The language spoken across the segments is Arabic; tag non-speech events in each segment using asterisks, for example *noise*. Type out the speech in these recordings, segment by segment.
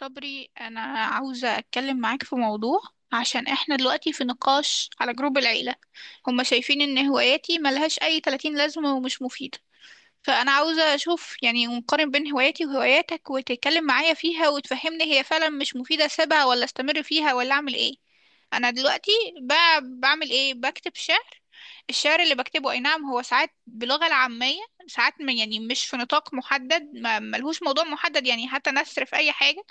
صبري، أنا عاوزة أتكلم معاك في موضوع عشان إحنا دلوقتي في نقاش على جروب العيلة. هما شايفين إن هواياتي ملهاش أي 30 لازمة ومش مفيدة. فأنا عاوزة أشوف يعني ونقارن بين هواياتي وهواياتك وتتكلم معايا فيها وتفهمني هي فعلا مش مفيدة أسيبها ولا أستمر فيها ولا أعمل إيه. أنا دلوقتي بعمل إيه؟ بكتب شعر. الشعر اللي بكتبه أي نعم هو ساعات بلغة العامية، ساعات يعني مش في نطاق محدد، ملهوش موضوع محدد، يعني حتى نثر في أي حاجة.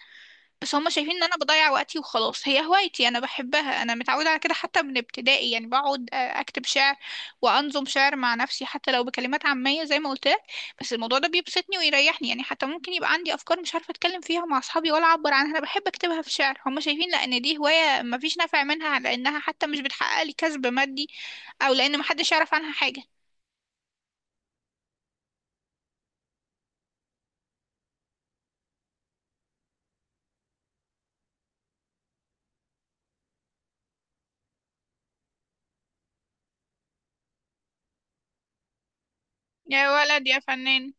بس هما شايفين ان انا بضيع وقتي، وخلاص هي هوايتي انا بحبها، انا متعودة على كده حتى من ابتدائي، يعني بقعد آه، اكتب شعر وانظم شعر مع نفسي حتى لو بكلمات عامية زي ما قلت لك. بس الموضوع ده بيبسطني ويريحني، يعني حتى ممكن يبقى عندي افكار مش عارفة اتكلم فيها مع اصحابي ولا اعبر عنها، انا بحب اكتبها في شعر. هما شايفين لان دي هواية مفيش نفع منها لانها حتى مش بتحقق لي كسب مادي، او لان محدش يعرف عنها حاجة. يا ولد يا فنان.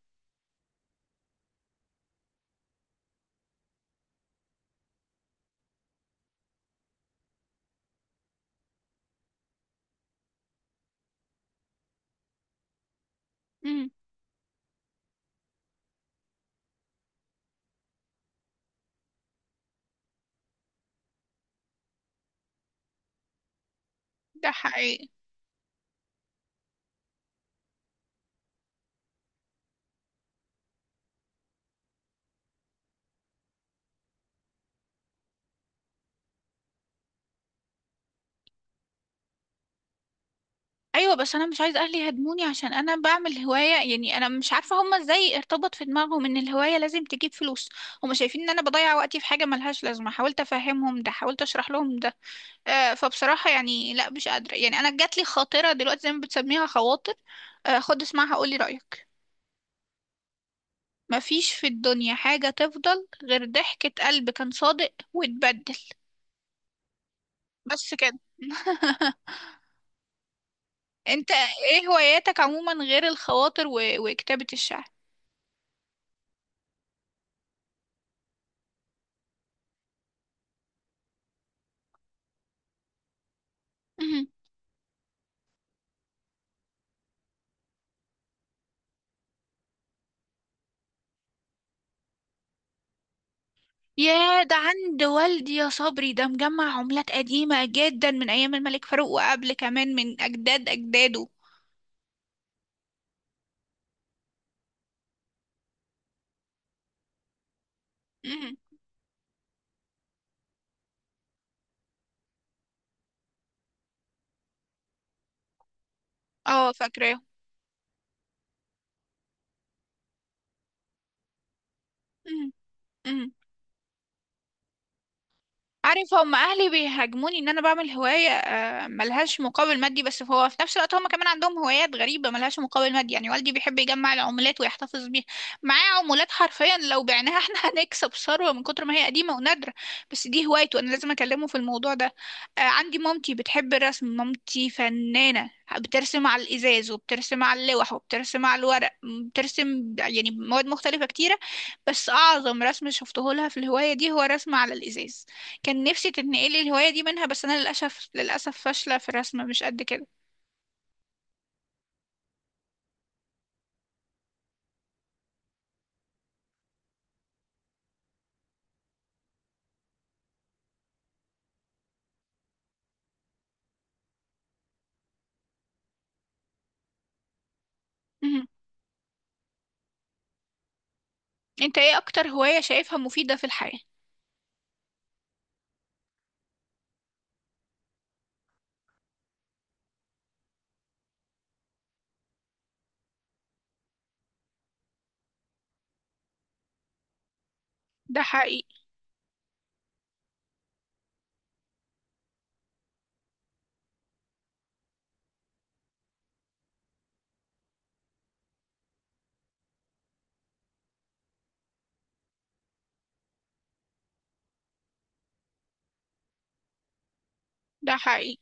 امم. ده حقيقي. ايوه، بس انا مش عايزه اهلي يهاجموني عشان انا بعمل هوايه، يعني انا مش عارفه هما ازاي ارتبط في دماغهم ان الهوايه لازم تجيب فلوس. هما شايفين ان انا بضيع وقتي في حاجه ملهاش لازمه، حاولت افهمهم ده، حاولت اشرح لهم ده. آه، فبصراحه يعني لا مش قادره. يعني انا جات لي خاطره دلوقتي زي ما بتسميها خواطر. آه، خد اسمعها قولي رايك: مفيش في الدنيا حاجه تفضل غير ضحكه قلب كان صادق واتبدل. بس كده. *laughs* انت ايه هواياتك عموما غير الخواطر وكتابه الشعر؟ *laughs* ياه، ده عند والدي يا صبري، ده مجمع عملات قديمة جدا من أيام الملك فاروق وقبل كمان من أجداد أجداده. مم. اه فاكراه. مم. مم. عارف، هم اهلي بيهاجموني ان انا بعمل هوايه آه، ملهاش مقابل مادي، بس هو في نفس الوقت هم كمان عندهم هوايات غريبه ملهاش مقابل مادي، يعني والدي بيحب يجمع العملات ويحتفظ بيها، معاه عملات حرفيا لو بعناها *laughs* احنا هنكسب ثروه من كتر ما هي قديمه ونادره. بس دي هوايته، انا لازم اكلمه في الموضوع ده. آه، عندي مامتي بتحب الرسم، مامتي فنانه، بترسم على الازاز وبترسم على اللوح وبترسم على الورق، بترسم يعني مواد مختلفه كتيره. بس اعظم رسم شفته لها في الهوايه دي هو رسم على الازاز. كان نفسي تتنقلي الهواية دي منها، بس أنا للأسف للأسف فاشلة في الرسم مش قد كده. مهم. أنت إيه أكتر هواية شايفها مفيدة في الحياة؟ ده حقيقي. ده حقيقي.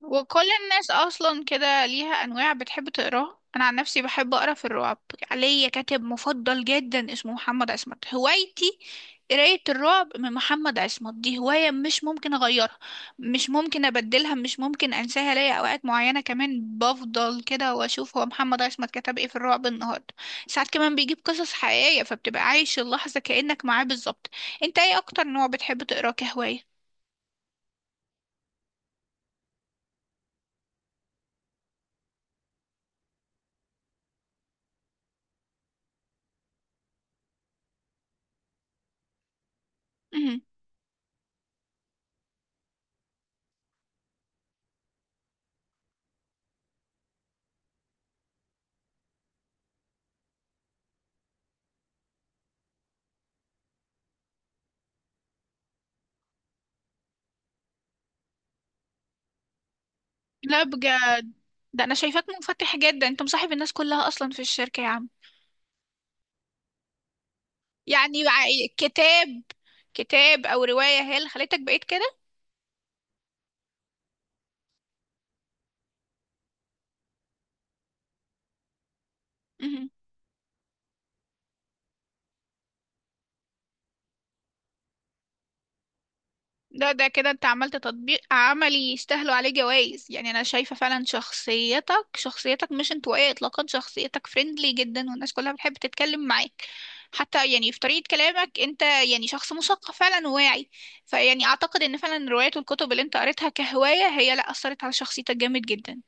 وكل الناس اصلا كده ليها انواع بتحب تقراها. انا عن نفسي بحب اقرا في الرعب، ليا كاتب مفضل جدا اسمه محمد عصمت. هوايتي قراية الرعب من محمد عصمت، دي هواية مش ممكن أغيرها، مش ممكن أبدلها، مش ممكن أنساها. ليا أوقات معينة كمان بفضل كده وأشوف هو محمد عصمت كتب إيه في الرعب النهاردة. ساعات كمان بيجيب قصص حقيقية فبتبقى عايش اللحظة كأنك معاه بالظبط. أنت إيه أكتر نوع بتحب تقراه كهواية؟ لا بجد، ده انا شايفاك منفتح جدا، انت مصاحب الناس كلها اصلا في الشركة يا عم. يعني مع كتاب، كتاب او رواية هي اللي خليتك بقيت كده؟ مهم. ده ده كده انت عملت تطبيق عملي يستاهلوا عليه جوائز. يعني انا شايفة فعلا شخصيتك، شخصيتك مش انطوائية اطلاقا، شخصيتك فريندلي جدا والناس كلها بتحب تتكلم معاك. حتى يعني في طريقة كلامك انت يعني شخص مثقف فعلا وواعي. فيعني اعتقد ان فعلا الروايات والكتب اللي انت قريتها كهواية هي لا اثرت على شخصيتك جامد جدا.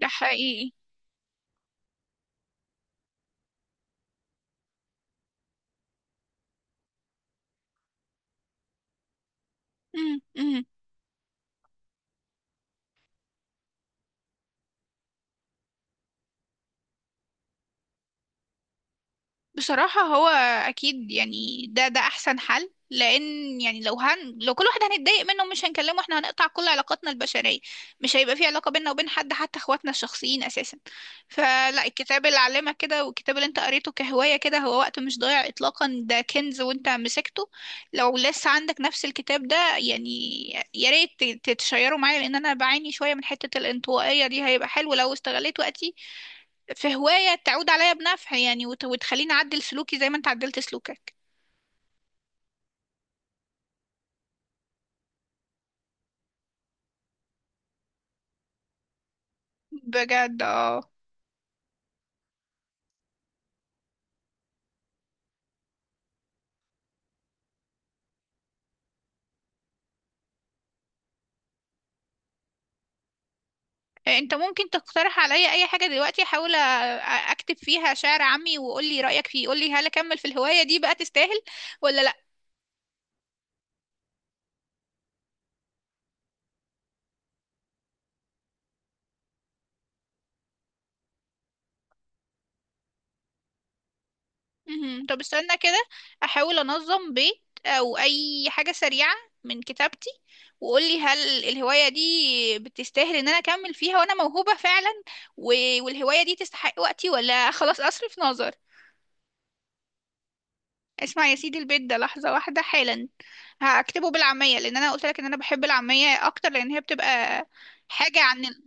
ده حقيقي. مم. مم. بصراحة هو أكيد، يعني ده ده أحسن حل، لأن يعني لو هن لو كل واحد هنتضايق منه مش هنكلمه احنا هنقطع كل علاقاتنا البشرية، مش هيبقى في علاقة بيننا وبين حد حتى اخواتنا الشخصيين أساسا. فلا، الكتاب اللي علمك كده والكتاب اللي انت قريته كهواية كده هو وقت مش ضايع إطلاقا، ده كنز وانت مسكته. لو لسه عندك نفس الكتاب ده يعني يا ريت تتشيره معايا، لأن أنا بعاني شوية من حتة الانطوائية دي، هيبقى حلو لو استغليت وقتي في هواية تعود عليا بنفع يعني وتخليني أعدل سلوكي زي ما أنت عدلت سلوكك. بجد اه. أنت ممكن تقترح عليا أي حاجة دلوقتي أحاول أكتب فيها شعر عامي وقولي رأيك فيه، قولي هل أكمل في الهواية دي بقى، تستاهل ولا لأ؟ مهم. طب استنى كده، أحاول أنظم بيت أو أي حاجة سريعة من كتابتي وقولي هل الهواية دي بتستاهل إن أنا أكمل فيها وأنا موهوبة فعلا، والهواية دي تستحق وقتي، ولا خلاص أصرف نظر. اسمع يا سيدي البيت ده لحظة واحدة حالا. هكتبه بالعامية لأن أنا قلت لك إن أنا بحب العامية أكتر لأن هي بتبقى حاجة عن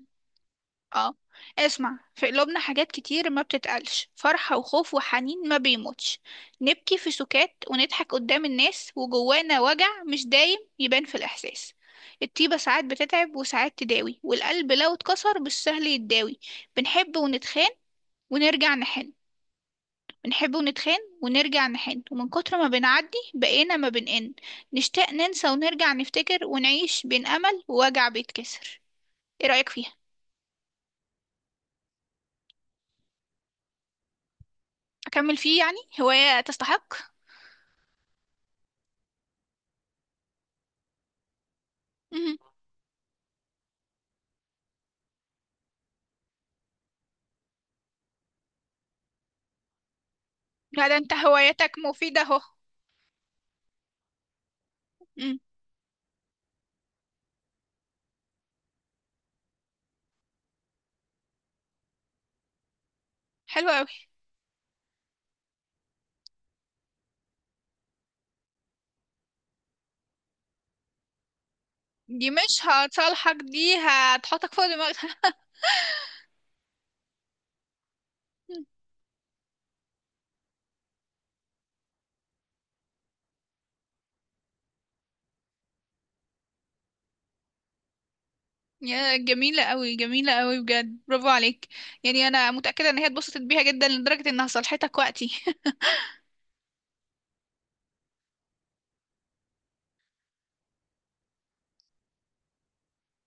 اه، اسمع: في قلوبنا حاجات كتير ما بتتقالش، فرحة وخوف وحنين ما بيموتش. نبكي في سكات ونضحك قدام الناس، وجوانا وجع مش دايم يبان في الإحساس. الطيبة ساعات بتتعب وساعات تداوي، والقلب لو اتكسر مش سهل يتداوي. بنحب ونتخان ونرجع نحن، بنحب ونتخان ونرجع نحن، ومن كتر ما بنعدي بقينا ما بنقن. نشتاق ننسى ونرجع نفتكر، ونعيش بين أمل ووجع بيتكسر. ايه رأيك فيها؟ أكمل فيه يعني، هواية تستحق؟ مهم. لا ده انت هوايتك مفيدة اهو. مم. حلوة أوي. دي مش هتصالحك، دي هتحطك فوق دماغها. *laughs* مم. يا جميلة أوي، جميلة أوي بجد، برافو عليك. يعني أنا متأكدة إن هي اتبسطت بيها جدا لدرجة إنها صالحتك وقتي.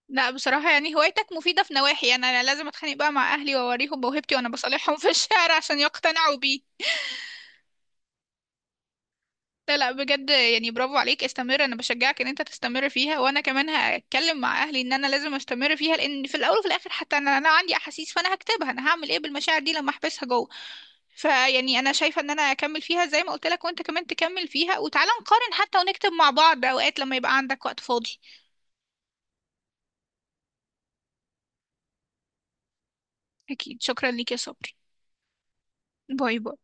لا بصراحة يعني هوايتك مفيدة في نواحي، أنا أنا لازم أتخانق بقى مع أهلي وأوريهم موهبتي وأنا بصالحهم في الشارع عشان يقتنعوا بيه. لا لا بجد يعني، برافو عليك، استمر، أنا بشجعك إن أنت تستمر فيها، وأنا كمان هتكلم مع أهلي إن أنا لازم أستمر فيها، لأن في الأول وفي الآخر حتى أنا، أنا عندي أحاسيس فأنا هكتبها، أنا هعمل إيه بالمشاعر دي لما أحبسها جوه. فيعني أنا شايفة إن أنا أكمل فيها زي ما قلت لك، وأنت كمان تكمل فيها، وتعالى نقارن حتى ونكتب مع بعض أوقات لما يبقى عندك وقت فاضي. أكيد، شكرا ليك يا صبري. باي باي.